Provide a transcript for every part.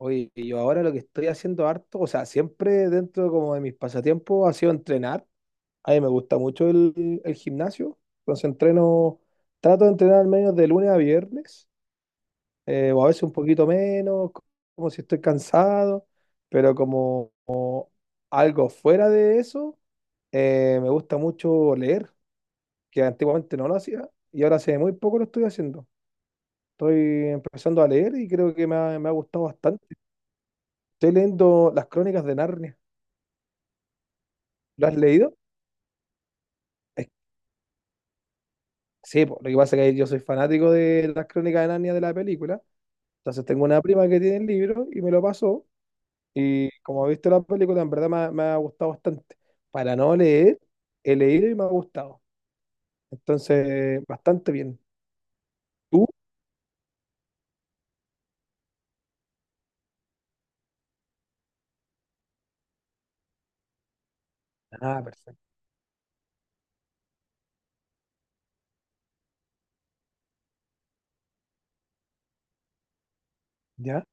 Oye, yo ahora lo que estoy haciendo harto, o sea, siempre dentro como de mis pasatiempos ha sido entrenar. A mí me gusta mucho el gimnasio, entonces entreno, trato de entrenar al menos de lunes a viernes, o a veces un poquito menos, como si estoy cansado, pero como algo fuera de eso, me gusta mucho leer, que antiguamente no lo hacía, y ahora hace muy poco lo estoy haciendo. Estoy empezando a leer y creo que me ha gustado bastante. Estoy leyendo Las Crónicas de Narnia. ¿Lo has leído? es- sí, po, lo que pasa es que yo soy fanático de Las Crónicas de Narnia de la película. Entonces tengo una prima que tiene el libro y me lo pasó. Y como he visto la película, en verdad me ha gustado bastante. Para no leer, he leído y me ha gustado. Entonces, bastante bien. ¿Tú? Ah, perfecto. ¿Ya?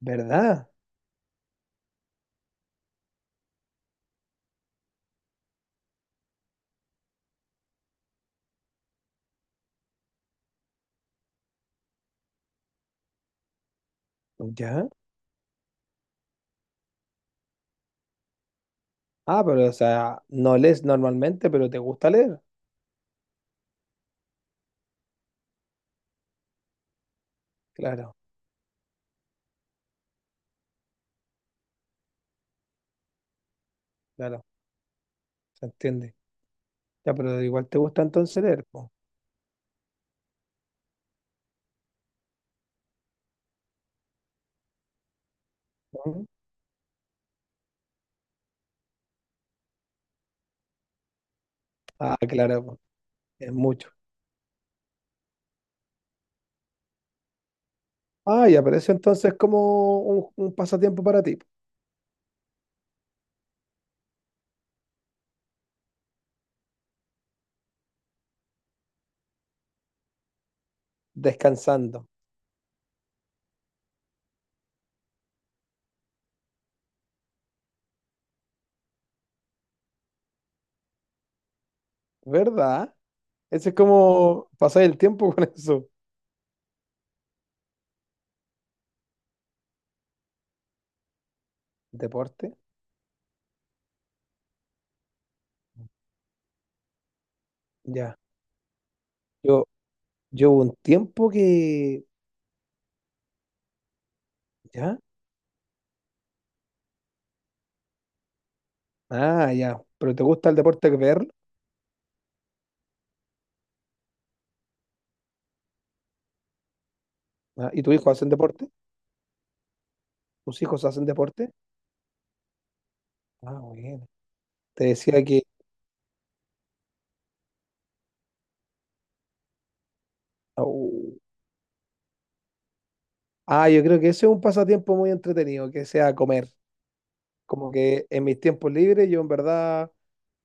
¿Verdad? ¿Ya? Ah, pero o sea, no lees normalmente, pero te gusta leer. Claro, claro, se entiende. Ya, pero igual te gusta entonces leer, po, ¿no? Ah, claro, po, es mucho. Ah, ya, pero eso entonces es como un pasatiempo para ti, descansando, ¿verdad? Ese es como pasar el tiempo con eso. Deporte, ya. Yo, yo hubo un tiempo que, ya, ah, ya. Pero ¿te gusta el deporte que ver? Ah, ¿y tu hijo hacen deporte? ¿Tus hijos hacen deporte? Ah, bueno. Te decía que, au. Ah, yo creo que ese es un pasatiempo muy entretenido, que sea comer. Como que en mis tiempos libres yo en verdad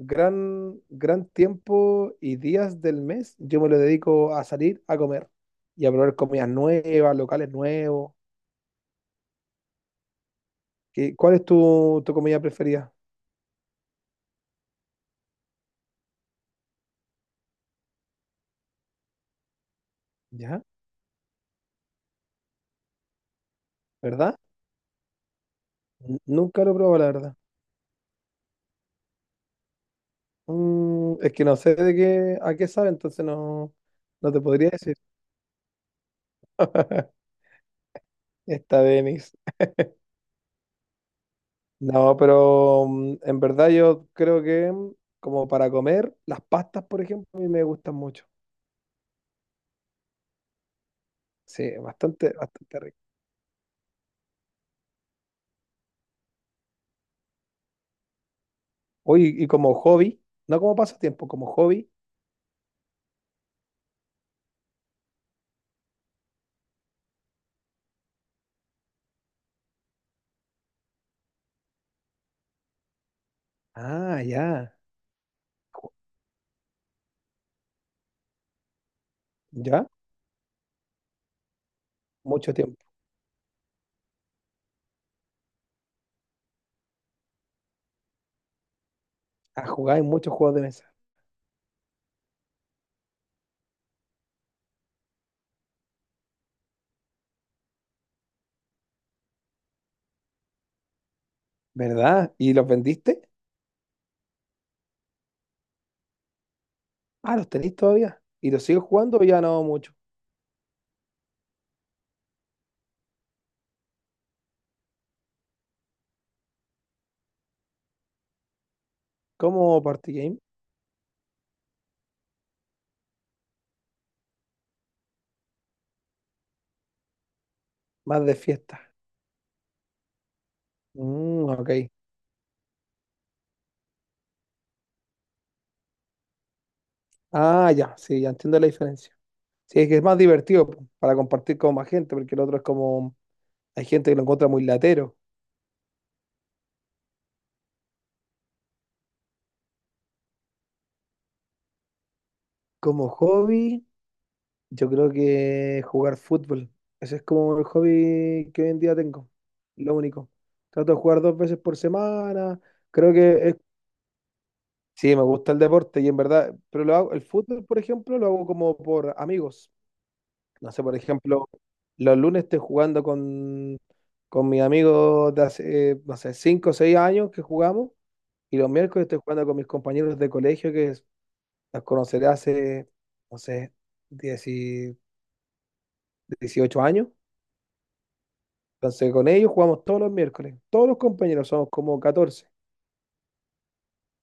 gran tiempo y días del mes yo me lo dedico a salir a comer y a probar comidas nuevas, locales nuevos. ¿Qué- cuál es tu comida preferida? ¿Ya? ¿Verdad? Nunca lo he probado, la verdad. Mm, es que no sé de qué, a qué sabe, entonces no, no te podría decir. Está Denis. No, pero en verdad yo creo que como para comer, las pastas, por ejemplo, a mí me gustan mucho. Sí, bastante, bastante rico. Oye, y como hobby, no como pasatiempo, como hobby. Ah, ya. Ju- Ya, mucho tiempo. Ah, jugáis muchos juegos de mesa, ¿verdad? ¿Y los vendiste? Ah, los tenéis todavía. ¿Y los sigues jugando o ya no mucho? ¿Como party game? Más de fiesta. Mm, ok. Ah, ya, sí, ya entiendo la diferencia. Sí, es que es más divertido po, para compartir con más gente, porque el otro es como, hay gente que lo encuentra muy latero. Como hobby. Yo creo que jugar fútbol. Ese es como el hobby que hoy en día tengo. Lo único. Trato de jugar 2 veces por semana. Creo que es- sí, me gusta el deporte y en verdad, pero lo hago, el fútbol, por ejemplo, lo hago como por amigos. No sé, por ejemplo, los lunes estoy jugando con mis amigos de hace, no sé, 5 o 6 años que jugamos y los miércoles estoy jugando con mis compañeros de colegio que los conoceré hace, no sé, 10 y- 18 años. Entonces, con ellos jugamos todos los miércoles. Todos los compañeros somos como 14.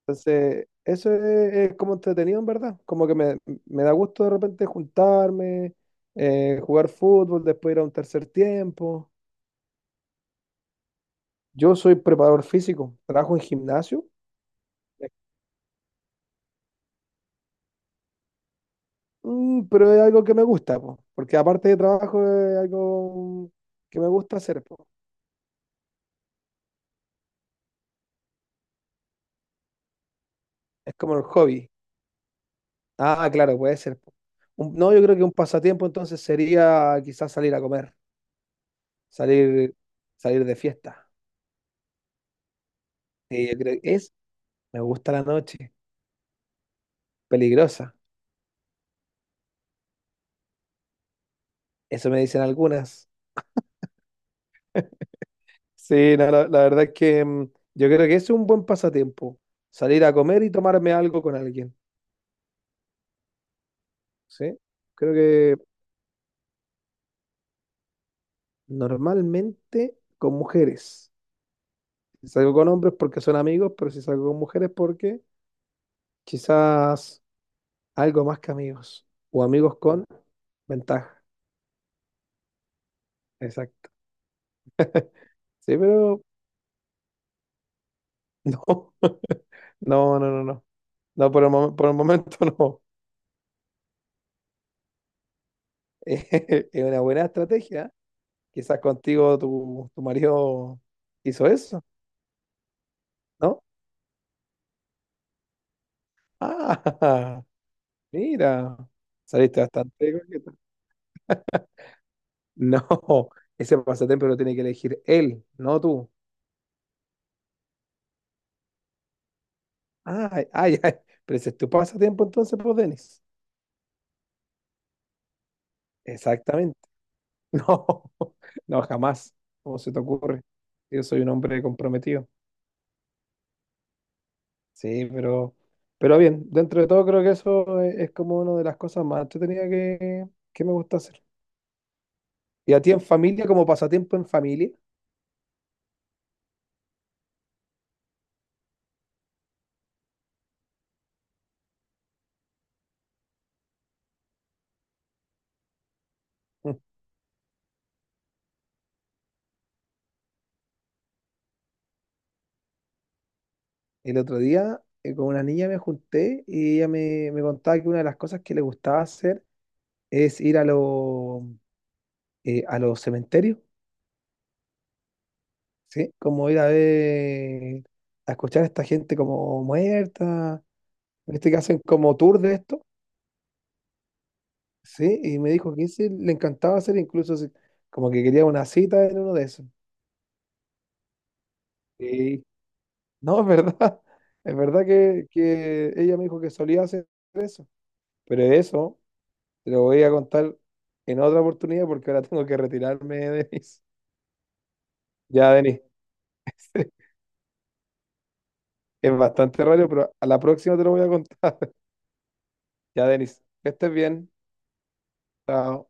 Entonces, eso es como entretenido, en verdad. Como que me da gusto de repente juntarme, jugar fútbol, después ir a un tercer tiempo. Yo soy preparador físico, trabajo en gimnasio, pero es algo que me gusta, po, porque aparte de trabajo es algo que me gusta hacer, po. Es como el hobby. Ah, claro, puede ser. Po. No, yo creo que un pasatiempo entonces sería quizás salir a comer. Salir, salir de fiesta. Sí, yo creo que es, me gusta la noche, peligrosa. Eso me dicen algunas. Sí, no, la verdad es que yo creo que es un buen pasatiempo. Salir a comer y tomarme algo con alguien. Sí, creo que normalmente con mujeres. Si salgo con hombres porque son amigos, pero si salgo con mujeres porque quizás algo más que amigos. O amigos con ventaja. Exacto. Sí, pero no, no, no, no, no. No, por el, por el momento no. Es una buena estrategia. Quizás contigo tu marido hizo eso, ¿no? Ah, mira, saliste bastante coqueta. No, ese pasatiempo lo tiene que elegir él, no tú. Ay, ay, ay, pero ese es tu pasatiempo entonces, pues, Denis. Exactamente. No, no, jamás. ¿Cómo se te ocurre? Yo soy un hombre comprometido. Sí, pero bien, dentro de todo creo que eso es como una de las cosas más entretenidas que me gusta hacer. Y a ti en familia, como pasatiempo en familia, Mm, el otro día con una niña me junté y ella me contaba que una de las cosas que le gustaba hacer es ir a los cementerios, ¿sí? Como ir a ver, a escuchar a esta gente como muerta, ¿viste? Que hacen como tour de esto, ¿sí? Y me dijo que ese le encantaba hacer, incluso como que quería una cita en uno de esos. Sí. No, es verdad. Es verdad que ella me dijo que solía hacer eso. Pero eso te lo voy a contar en otra oportunidad porque ahora tengo que retirarme, Denis. Ya, Denis. Es bastante raro, pero a la próxima te lo voy a contar. Ya, Denis. Que estés bien. Chao.